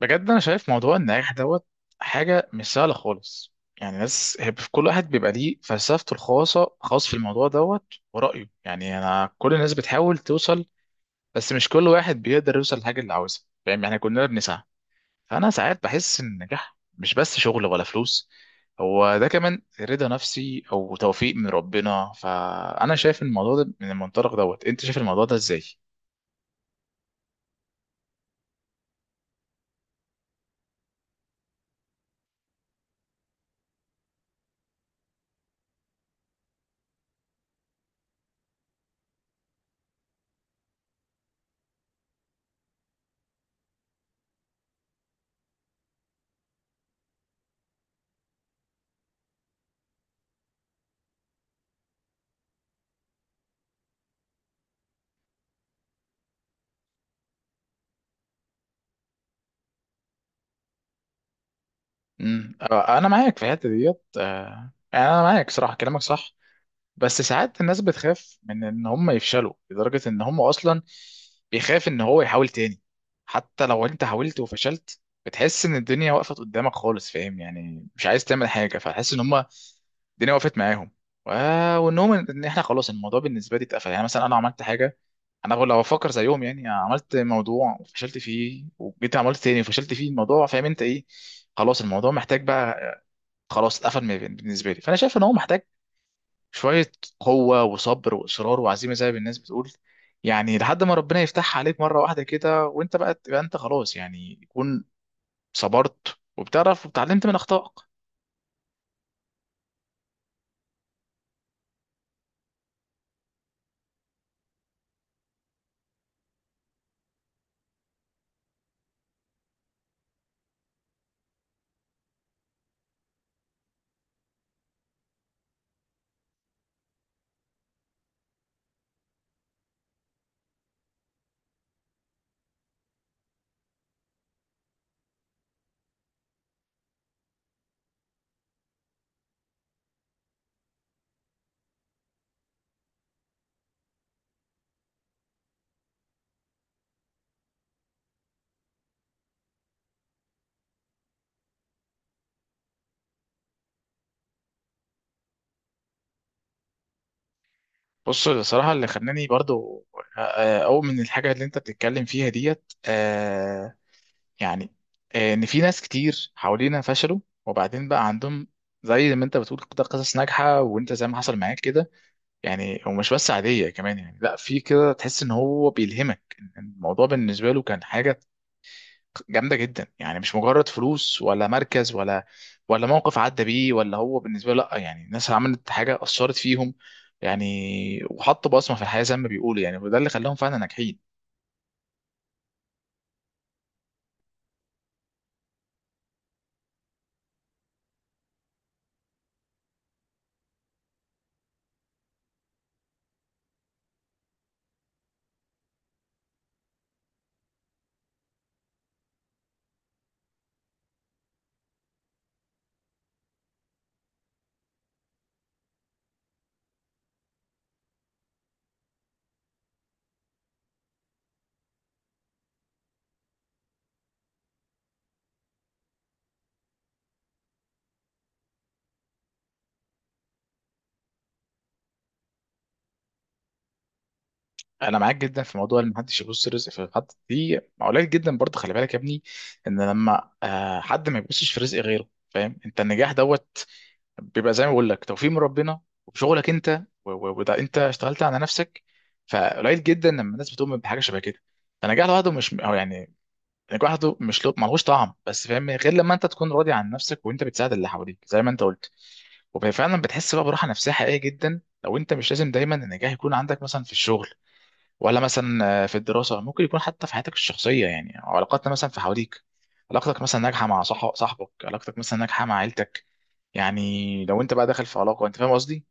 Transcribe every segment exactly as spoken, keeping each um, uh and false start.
بجد انا شايف موضوع النجاح دوت، حاجه مش سهله خالص. يعني ناس هي في كل واحد بيبقى ليه فلسفته الخاصه خاص في الموضوع دوت ورايه. يعني انا كل الناس بتحاول توصل، بس مش كل واحد بيقدر يوصل للحاجه اللي عاوزها. فاهم يعني؟ كلنا بنسعى. فانا ساعات بحس ان النجاح مش بس شغل ولا فلوس، هو ده كمان رضا نفسي او توفيق من ربنا. فانا شايف الموضوع ده من المنطلق دوت. انت شايف الموضوع ده ازاي؟ امم انا معاك في الحته ديت، آه، يعني انا معاك صراحه كلامك صح. بس ساعات الناس بتخاف من ان هم يفشلوا لدرجة ان هم اصلا بيخاف ان هو يحاول تاني. حتى لو انت حاولت وفشلت بتحس ان الدنيا وقفت قدامك خالص. فاهم يعني؟ مش عايز تعمل حاجة، فتحس ان هم الدنيا وقفت معاهم. و- وانهم ان احنا خلاص الموضوع بالنسبة لي اتقفل. يعني مثلا انا عملت حاجة، انا لو افكر زيهم، يعني عملت موضوع وفشلت فيه وجيت عملت تاني وفشلت فيه الموضوع. فاهم انت ايه؟ خلاص الموضوع محتاج بقى، خلاص اتقفل بالنسبة لي. فانا شايف ان هو محتاج شوية قوة وصبر وإصرار وعزيمة زي ما الناس بتقول. يعني لحد ما ربنا يفتحها عليك مرة واحدة كده وأنت بقى تبقى أنت، خلاص يعني يكون صبرت وبتعرف واتعلمت من أخطائك. بص، الصراحة اللي خلاني برضو آه، أؤمن الحاجة اللي أنت بتتكلم فيها ديت. آه، يعني آه، إن في ناس كتير حوالينا فشلوا، وبعدين بقى عندهم زي ما أنت بتقول كده قصص ناجحة، وأنت زي ما حصل معاك كده. يعني ومش بس عادية كمان، يعني لا، في كده تحس ان هو بيلهمك. الموضوع بالنسبة له كان حاجة جامدة جدا، يعني مش مجرد فلوس ولا مركز ولا ولا موقف عدى بيه، ولا هو بالنسبة له لا. يعني الناس عملت حاجة أثرت فيهم يعني، وحطوا بصمة في الحياة زي ما بيقولوا يعني، وده اللي خلاهم فعلا ناجحين. انا معاك جدا في موضوع ان محدش يبص رزق في حد، دي قليل جدا برضه. خلي بالك يا ابني ان لما آه، حد ما يبصش في رزق غيره. فاهم انت؟ النجاح دوت بيبقى زي ما بقول لك توفيق من ربنا وبشغلك انت، و- و- وده انت اشتغلت على نفسك. فقليل جدا لما الناس بتؤمن بحاجه شبه كده. فنجاح لوحده مش هو يعني، نجاح لوحده مش له، ملهوش طعم بس فاهم، غير لما انت تكون راضي عن نفسك وانت بتساعد اللي حواليك زي ما انت قلت. وفعلا بتحس بقى براحه نفسيه حقيقيه جدا لو انت، مش لازم دايما النجاح يكون عندك مثلا في الشغل ولا مثلا في الدراسة. ممكن يكون حتى في حياتك الشخصية، يعني أو علاقاتنا مثلا في حواليك. علاقتك مثلا ناجحة مع صح- صاحبك، علاقتك مثلا ناجحة مع عيلتك. يعني لو انت بقى داخل في علاقة، انت فاهم قصدي.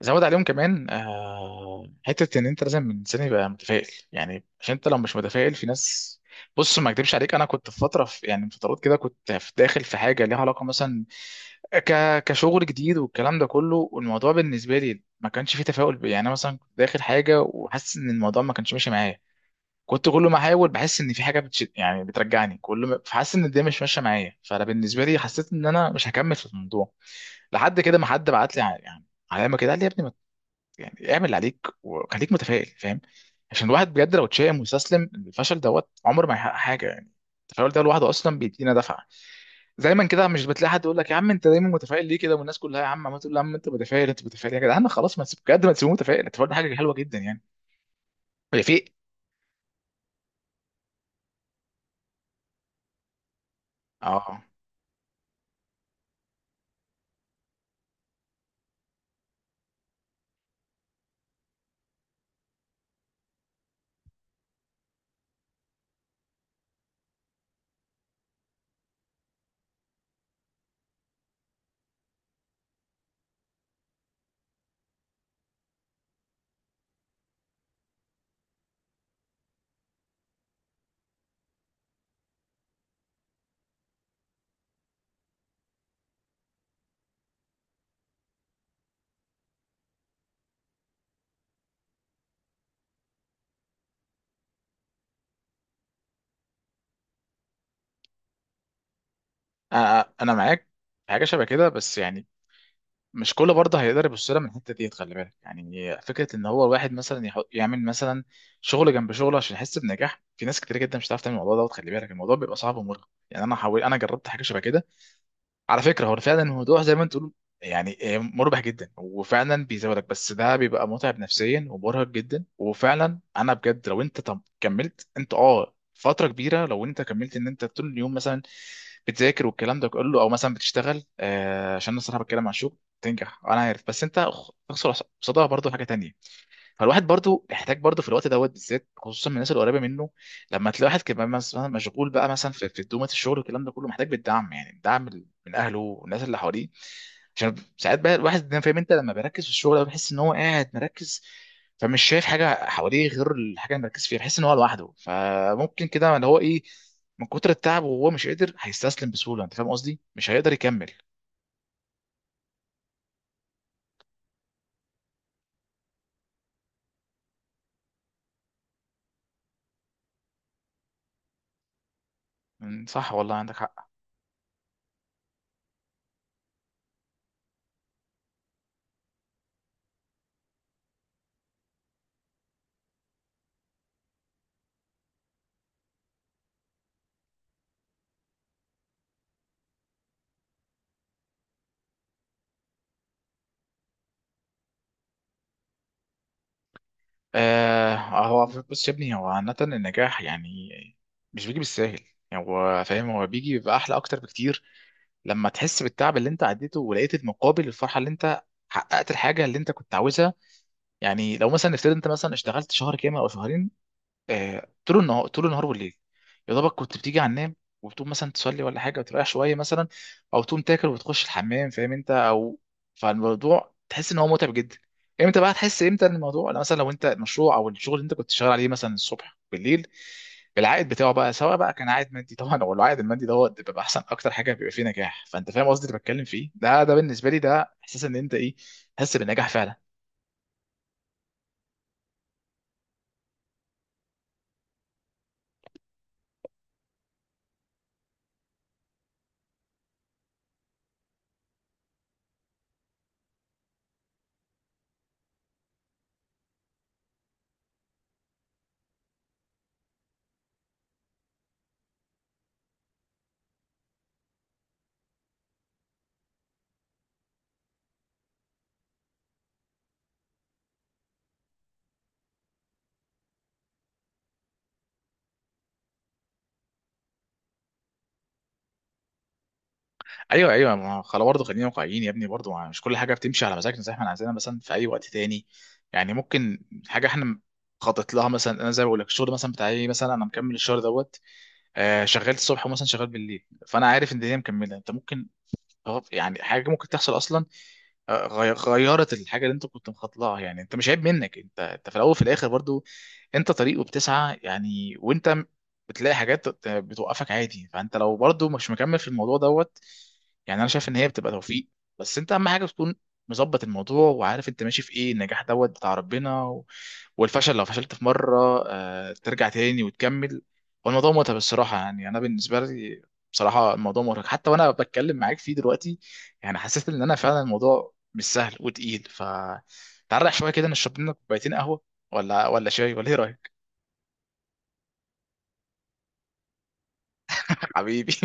زود عليهم كمان آه، حتة ان انت لازم من سن يبقى متفائل، يعني عشان انت لو مش متفائل في ناس. بص ما اكدبش عليك، انا كنت في فترة، في يعني من فترات كده، كنت في- داخل في حاجة ليها علاقة مثلا ك... كشغل جديد والكلام ده كله. والموضوع بالنسبة لي ما كانش فيه تفاؤل. يعني أنا مثلا كنت داخل حاجة وحاسس ان الموضوع ما كانش ماشي معايا. كنت كل ما احاول بحس ان في حاجه بتشد يعني بترجعني كل ما، فحاسس ان الدنيا مش ماشيه معايا. فانا بالنسبه لي حسيت ان انا مش هكمل في الموضوع، لحد كده ما حد بعت لي ع- يعني علامه كده قال لي يا ابني ما ت- يعني اعمل اللي عليك وخليك متفائل. فاهم؟ عشان الواحد بجد لو اتشائم واستسلم الفشل دوت عمره ما يحقق حاجه. يعني التفاؤل ده لوحده اصلا بيدينا دفعه. دايما كده مش بتلاقي حد يقول لك يا عم انت دايما متفائل ليه كده؟ والناس كلها يا عم عمال تقول يا عم انت متفائل، انت متفائل يا جدعان، خلاص ما تسيب بجد، ما تسيبوه متفائل. التفاؤل ده حاجه حلوه جدا يعني. هي في. اه. آه، آه، انا معاك في حاجه شبه كده، بس يعني مش كله برضه هيقدر يبص لها من الحته دي. خلي بالك يعني فكره ان هو الواحد مثلا يحط يعمل مثلا شغل جنب شغله عشان يحس بنجاح. في ناس كتير جدا مش هتعرف تعمل الموضوع دوت. خلي بالك الموضوع بيبقى صعب ومرهق. يعني انا حاول انا جربت حاجه شبه كده. على فكره هو فعلا الموضوع زي ما انت تقول، يعني آه، مربح جدا وفعلا بيزودك. بس ده بيبقى متعب نفسيا ومرهق جدا. وفعلا انا بجد، لو انت طب كملت انت اه فتره كبيره، لو انت كملت ان انت طول اليوم مثلا بتذاكر والكلام ده كله او مثلا بتشتغل آه عشان انا الصراحه بتكلم عن الشغل، تنجح انا عارف، بس انت خ- تخسر قصادها برضه حاجه تانية. فالواحد برضو محتاج برضو في الوقت دوت بالذات، خصوصا من الناس القريبه منه. لما تلاقي واحد كمان مثلا مشغول بقى مثلا في في دومه الشغل والكلام ده كله، محتاج بالدعم. يعني الدعم من اهله والناس اللي حواليه. عشان ساعات بقى الواحد ده، فاهم انت، لما بيركز في الشغل ده بيحس ان هو قاعد مركز. فمش شايف حاجه حواليه غير الحاجه اللي مركز فيها. بيحس ان هو لوحده. فممكن كده اللي هو ايه، من كتر التعب وهو مش قادر هيستسلم بسهوله. انت فاهم قصدي؟ مش هيقدر يكمل. مم، صح والله عندك حق. آه. هو بص يا ابني، هو عامة النجاح يعني مش بيجي بالساهل. يعني هو فاهم، هو بيجي بيبقى أحلى أكتر بكتير لما تحس بالتعب اللي أنت عديته ولقيت المقابل الفرحة اللي أنت حققت الحاجة اللي أنت كنت عاوزها. يعني لو مثلا نفترض أنت مثلا اشتغلت شهر كامل أو شهرين، آه، طول النهار طول النهار والليل. يا دوبك كنت بتيجي على النام، وبتقوم مثلا تصلي ولا حاجه وتريح شويه مثلا، او تقوم تاكل وتخش الحمام، فاهم انت؟ او فالموضوع تحس ان هو متعب جدا. امتى بقى تحس امتى إن الموضوع؟ لا، مثلا لو انت المشروع او الشغل اللي انت كنت شغال عليه مثلا الصبح بالليل، العائد بتاعه بقى، سواء بقى كان عائد مادي طبعا هو العائد المادي دوت بيبقى احسن، اكتر حاجه بيبقى فيه نجاح. فانت فاهم قصدي اللي بتكلم فيه ده، ده بالنسبه لي ده احساس ان انت ايه، تحس بالنجاح فعلا. ايوه ايوه، ما هو خلاص برضه خلينا واقعيين يا ابني، برضه ما- مش كل حاجه بتمشي على مزاجنا زي ما احنا عايزينها مثلا في اي وقت تاني. يعني ممكن حاجه احنا خطط لها مثلا، انا زي ما بقول لك الشغل مثلا بتاعي، مثلا انا مكمل الشهر دوت آه شغال الصبح ومثلا شغال بالليل، فانا عارف ان الدنيا مكمله. انت ممكن أه، يعني حاجه ممكن تحصل اصلا، آه، غي- غيرت الحاجه اللي انت كنت مخطلها. يعني انت مش عيب منك، انت انت في الاول وفي الاخر برضو انت طريق وبتسعى يعني، وانت بتلاقي حاجات بت- بتوقفك عادي. فانت لو برضو مش مكمل في الموضوع دوت، يعني انا شايف ان هي بتبقى توفيق. بس انت اهم حاجه تكون مظبط الموضوع، وعارف انت ماشي في ايه. النجاح دوت بتاع ربنا، و... والفشل لو فشلت في مره آه، ترجع تاني وتكمل. والموضوع متعب الصراحه، يعني انا بالنسبه لي بصراحه الموضوع مرهق حتى وانا بتكلم معاك فيه دلوقتي. يعني حسيت ان انا فعلا الموضوع مش سهل وتقيل. ف تعرق شويه كده، نشرب لنا كوبايتين قهوه ولا ولا شاي، ولا ايه رايك؟ حبيبي.